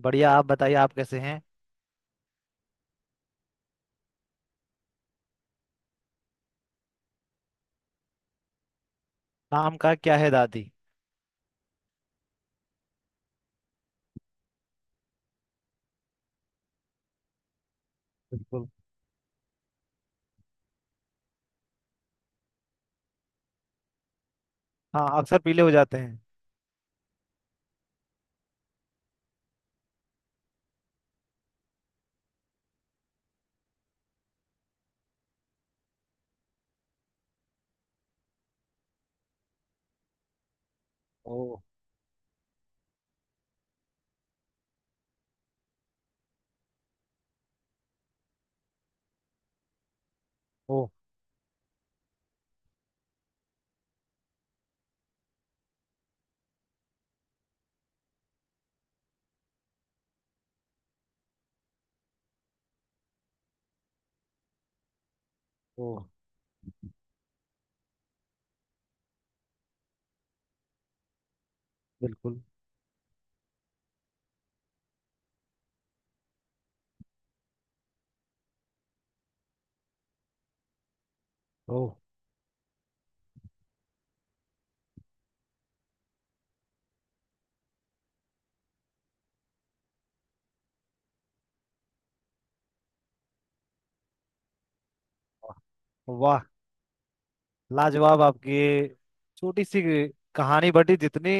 बढ़िया। आप बताइए आप कैसे हैं। आम का क्या है दादी। बिल्कुल। हाँ अक्सर पीले हो जाते हैं। ओ। ओ। ओ। बिल्कुल। ओ। वाह। लाजवाब आपकी छोटी सी कहानी बटी जितनी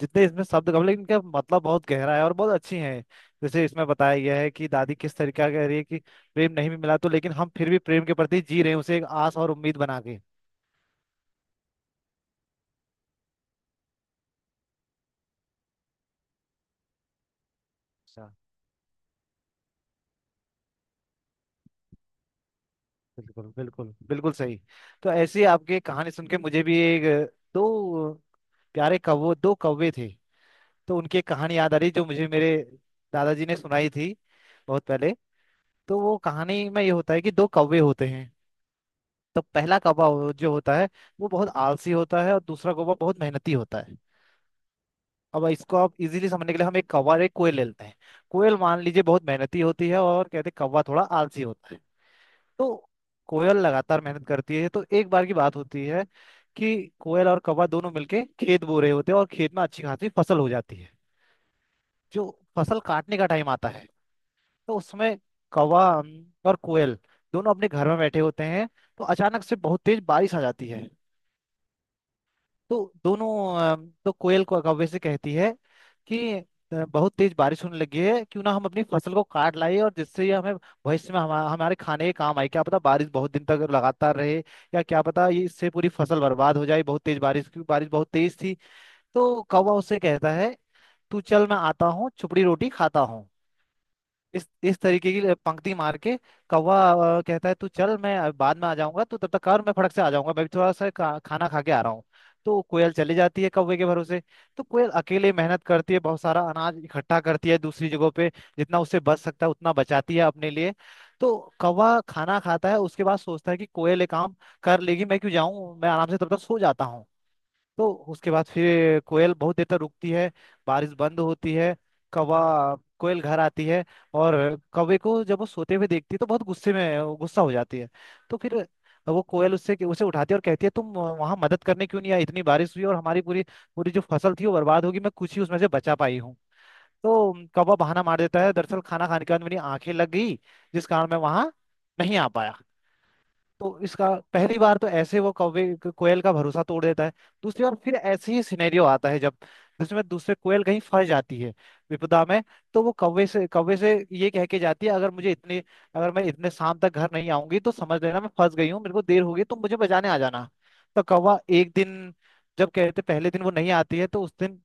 जितने इसमें शब्द कम लेकिन इनका मतलब बहुत गहरा है और बहुत अच्छी है। जैसे इसमें बताया गया है कि दादी किस तरीका कह रही है कि प्रेम नहीं भी मिला तो लेकिन हम फिर भी प्रेम के प्रति जी रहे हैं उसे एक आस और उम्मीद बना के। अच्छा। बिल्कुल बिल्कुल बिल्कुल सही। तो ऐसी आपकी कहानी सुन के मुझे भी एक दो प्यारे कौवे दो कौवे थे। तो उनकी एक कहानी याद आ रही जो मुझे मेरे दादाजी ने सुनाई थी बहुत पहले। तो वो कहानी में ये होता है कि दो कौवे होते हैं। तो पहला कौवा जो होता है वो बहुत आलसी होता है और दूसरा कौवा बहुत मेहनती होता है। अब इसको आप इजीली समझने के लिए हम एक कौवा और एक कोयल ले लेते हैं। कोयल मान लीजिए बहुत मेहनती होती है और कहते हैं कौवा थोड़ा आलसी होता है। तो कोयल लगातार मेहनत करती है तो एक बार की बात होती है कि कोयल और कौवा दोनों मिलके खेत बो रहे होते हैं और खेत में अच्छी खासी फसल हो जाती है। जो फसल काटने का टाइम आता है। तो उस समय कौवा और कोयल दोनों अपने घर में बैठे होते हैं। तो अचानक से बहुत तेज बारिश आ जाती है। तो दोनों तो कोयल को कौवे से कहती है कि बहुत तेज बारिश होने लगी है क्यों ना हम अपनी फसल को काट लाए और जिससे ये हमें भविष्य में हमारे खाने के काम आए क्या पता बारिश बहुत दिन तक लगातार रहे या क्या पता ये इससे पूरी फसल बर्बाद हो जाए बहुत तेज बारिश क्योंकि बारिश बहुत तेज थी। तो कौवा उससे कहता है तू चल मैं आता हूँ छुपड़ी रोटी खाता हूँ। इस तरीके की पंक्ति मार के कौवा कहता है तू चल मैं बाद में आ जाऊंगा तू तब तक कर मैं फटक से आ जाऊंगा मैं भी थोड़ा सा खाना खा के आ रहा हूँ। तो कोयल चली जाती है कौवे के भरोसे। तो कोयल अकेले मेहनत करती है बहुत सारा अनाज इकट्ठा करती है दूसरी जगहों पे जितना उससे बच सकता है उतना बचाती है अपने लिए। तो कौवा खाना खाता है उसके बाद सोचता है कि कोयल ये काम कर लेगी मैं क्यों जाऊं मैं आराम से तब तक सो जाता हूँ। तो उसके बाद फिर कोयल बहुत देर तक रुकती है। बारिश बंद होती है। कौवा कोयल घर आती है और कौवे को जब वो सोते हुए देखती है तो बहुत गुस्से में गुस्सा हो जाती है। तो फिर वो कोयल उससे उसे उठाती है और कहती है तुम वहां मदद करने क्यों नहीं आई इतनी बारिश हुई और हमारी पूरी पूरी जो फसल थी वो बर्बाद होगी मैं कुछ ही उसमें से बचा पाई हूँ। तो कौवा बहाना मार देता है दरअसल खाना खाने के बाद मेरी आंखें लग गई जिस कारण मैं वहां नहीं आ पाया। तो इसका पहली बार तो ऐसे वो कौवे कोयल का भरोसा तोड़ देता है। दूसरी बार फिर ऐसे ही सिनेरियो आता है जब जिसमें दूसरे कोयल कहीं फंस जाती है विपदा में। तो वो कौवे से ये कह के जाती है अगर मुझे इतने अगर मैं इतने शाम तक घर नहीं आऊंगी तो समझ लेना मैं फंस गई हूँ मेरे को देर हो गई तो मुझे बचाने आ जाना। तो कौवा एक दिन जब कहते पहले दिन वो नहीं आती है तो उस दिन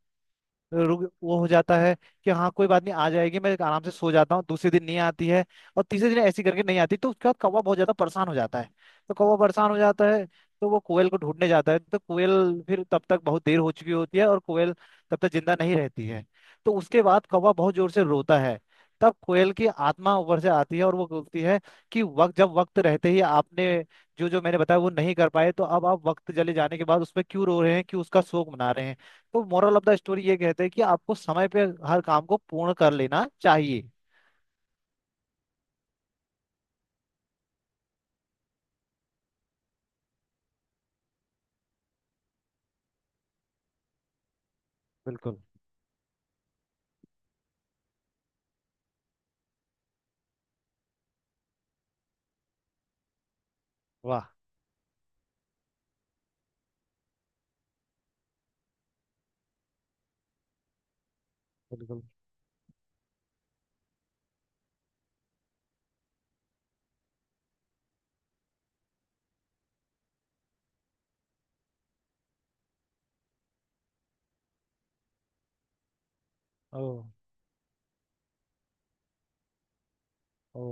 रुक वो हो जाता है कि हाँ कोई बात नहीं आ जाएगी मैं आराम से सो जाता हूँ दूसरे दिन नहीं आती है और तीसरे दिन ऐसी करके नहीं आती तो उसके बाद कौवा बहुत ज्यादा परेशान हो जाता है। तो कौवा परेशान हो जाता है। तो वो कोयल को ढूंढने जाता है तो कोयल फिर तब तक बहुत देर हो चुकी होती है और कोयल तब तक जिंदा नहीं रहती है। तो उसके बाद कौवा बहुत जोर से रोता है। तब कोयल की आत्मा ऊपर से आती है और वो बोलती है कि वक्त जब वक्त रहते ही आपने जो जो मैंने बताया वो नहीं कर पाए तो अब आप वक्त चले जाने के बाद उस पर क्यों रो रहे हैं क्यों उसका शोक मना रहे हैं। तो मोरल ऑफ द स्टोरी ये कहते हैं कि आपको समय पे हर काम को पूर्ण कर लेना चाहिए। बिल्कुल। वाह। बिल्कुल। ओ। ओ।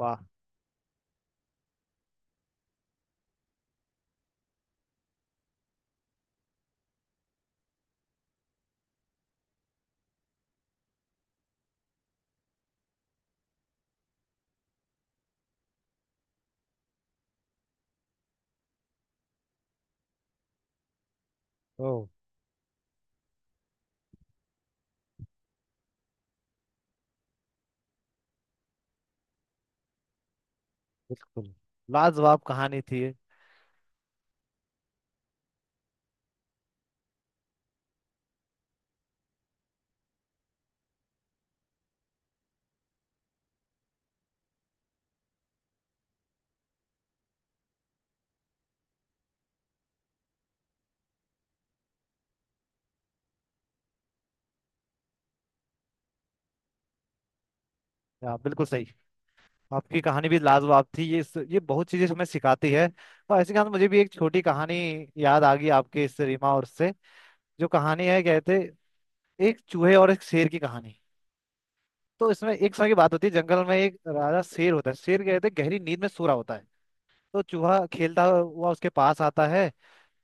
वाह। ओ। बिल्कुल। लाजवाब कहानी थी ये। या, बिल्कुल सही। आपकी कहानी भी लाजवाब थी ये ये बहुत चीजें हमें सिखाती है। और ऐसे के साथ मुझे भी एक छोटी कहानी याद आ गई आपके इस रीमा और से जो कहानी है कहते एक चूहे और एक शेर की कहानी। तो इसमें एक समय की बात होती है जंगल में एक राजा शेर होता है शेर कहते गहरी नींद में सो रहा होता है। तो चूहा खेलता हुआ उसके पास आता है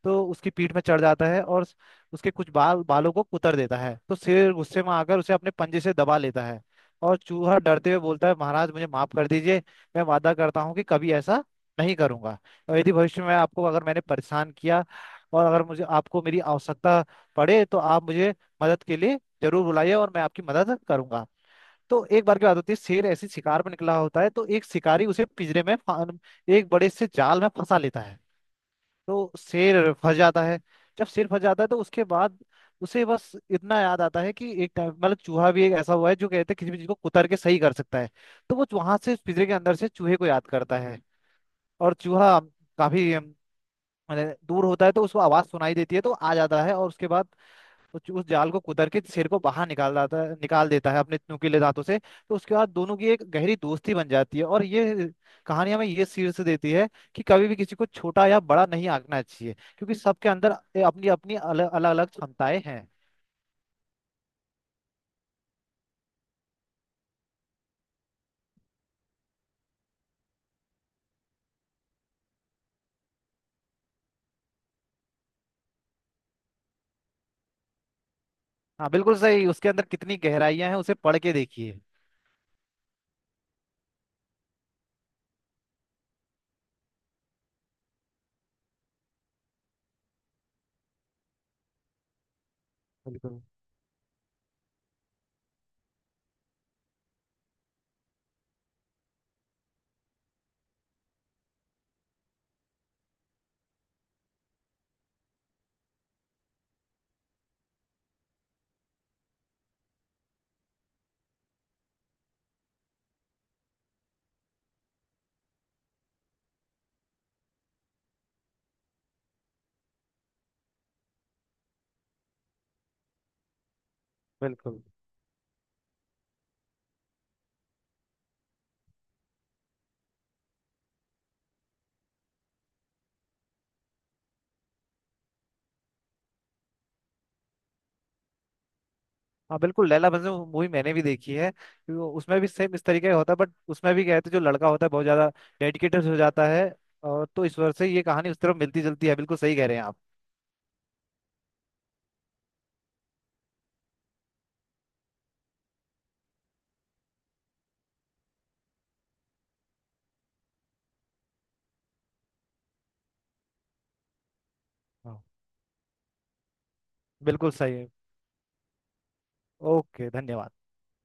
तो उसकी पीठ में चढ़ जाता है और उसके कुछ बाल बालों को कुतर देता है तो शेर गुस्से में आकर उसे अपने पंजे से दबा लेता है। और चूहा डरते हुए बोलता है महाराज मुझे माफ कर दीजिए मैं वादा करता हूँ कि कभी ऐसा नहीं करूंगा। और यदि भविष्य में आपको अगर मैंने परेशान किया और अगर मुझे आपको मेरी आवश्यकता पड़े तो आप मुझे मदद के लिए जरूर बुलाइए और मैं आपकी मदद करूंगा। तो एक बार की बात होती है शेर ऐसी शिकार पर निकला होता है तो एक शिकारी उसे पिंजरे में एक बड़े से जाल में फंसा लेता है। तो शेर फंस जाता है। जब शेर फंस जाता है तो उसके बाद उसे बस इतना याद आता है कि एक टाइम मतलब चूहा भी एक ऐसा हुआ है जो कहते हैं किसी भी चीज को कुतर के सही कर सकता है। तो वो वहां से पिंजरे के अंदर से चूहे को याद करता है। और चूहा काफी मतलब दूर होता है तो उसको आवाज सुनाई देती है तो आ जाता है और उसके बाद उस जाल को कुतर के सिर को बाहर निकाल देता है अपने नुकीले दांतों से तो उसके बाद दोनों की एक गहरी दोस्ती बन जाती है और ये कहानी हमें ये शीर्ष देती है कि कभी भी किसी को छोटा या बड़ा नहीं आंकना चाहिए क्योंकि सबके अंदर अपनी अपनी अलग अलग अलग क्षमताएं हैं। हाँ बिल्कुल सही उसके अंदर कितनी गहराइयां हैं उसे पढ़ के देखिए। बिल्कुल। बिल्कुल। हाँ बिल्कुल लैला मजनू मूवी मैंने भी देखी है। उसमें भी सेम इस तरीके का होता है बट उसमें भी कहते जो लड़का होता है बहुत ज्यादा डेडिकेटेड हो जाता है। और तो ईश्वर से ये कहानी उस तरफ मिलती जुलती है बिल्कुल सही कह रहे हैं आप। हाँ बिल्कुल सही है। ओके धन्यवाद।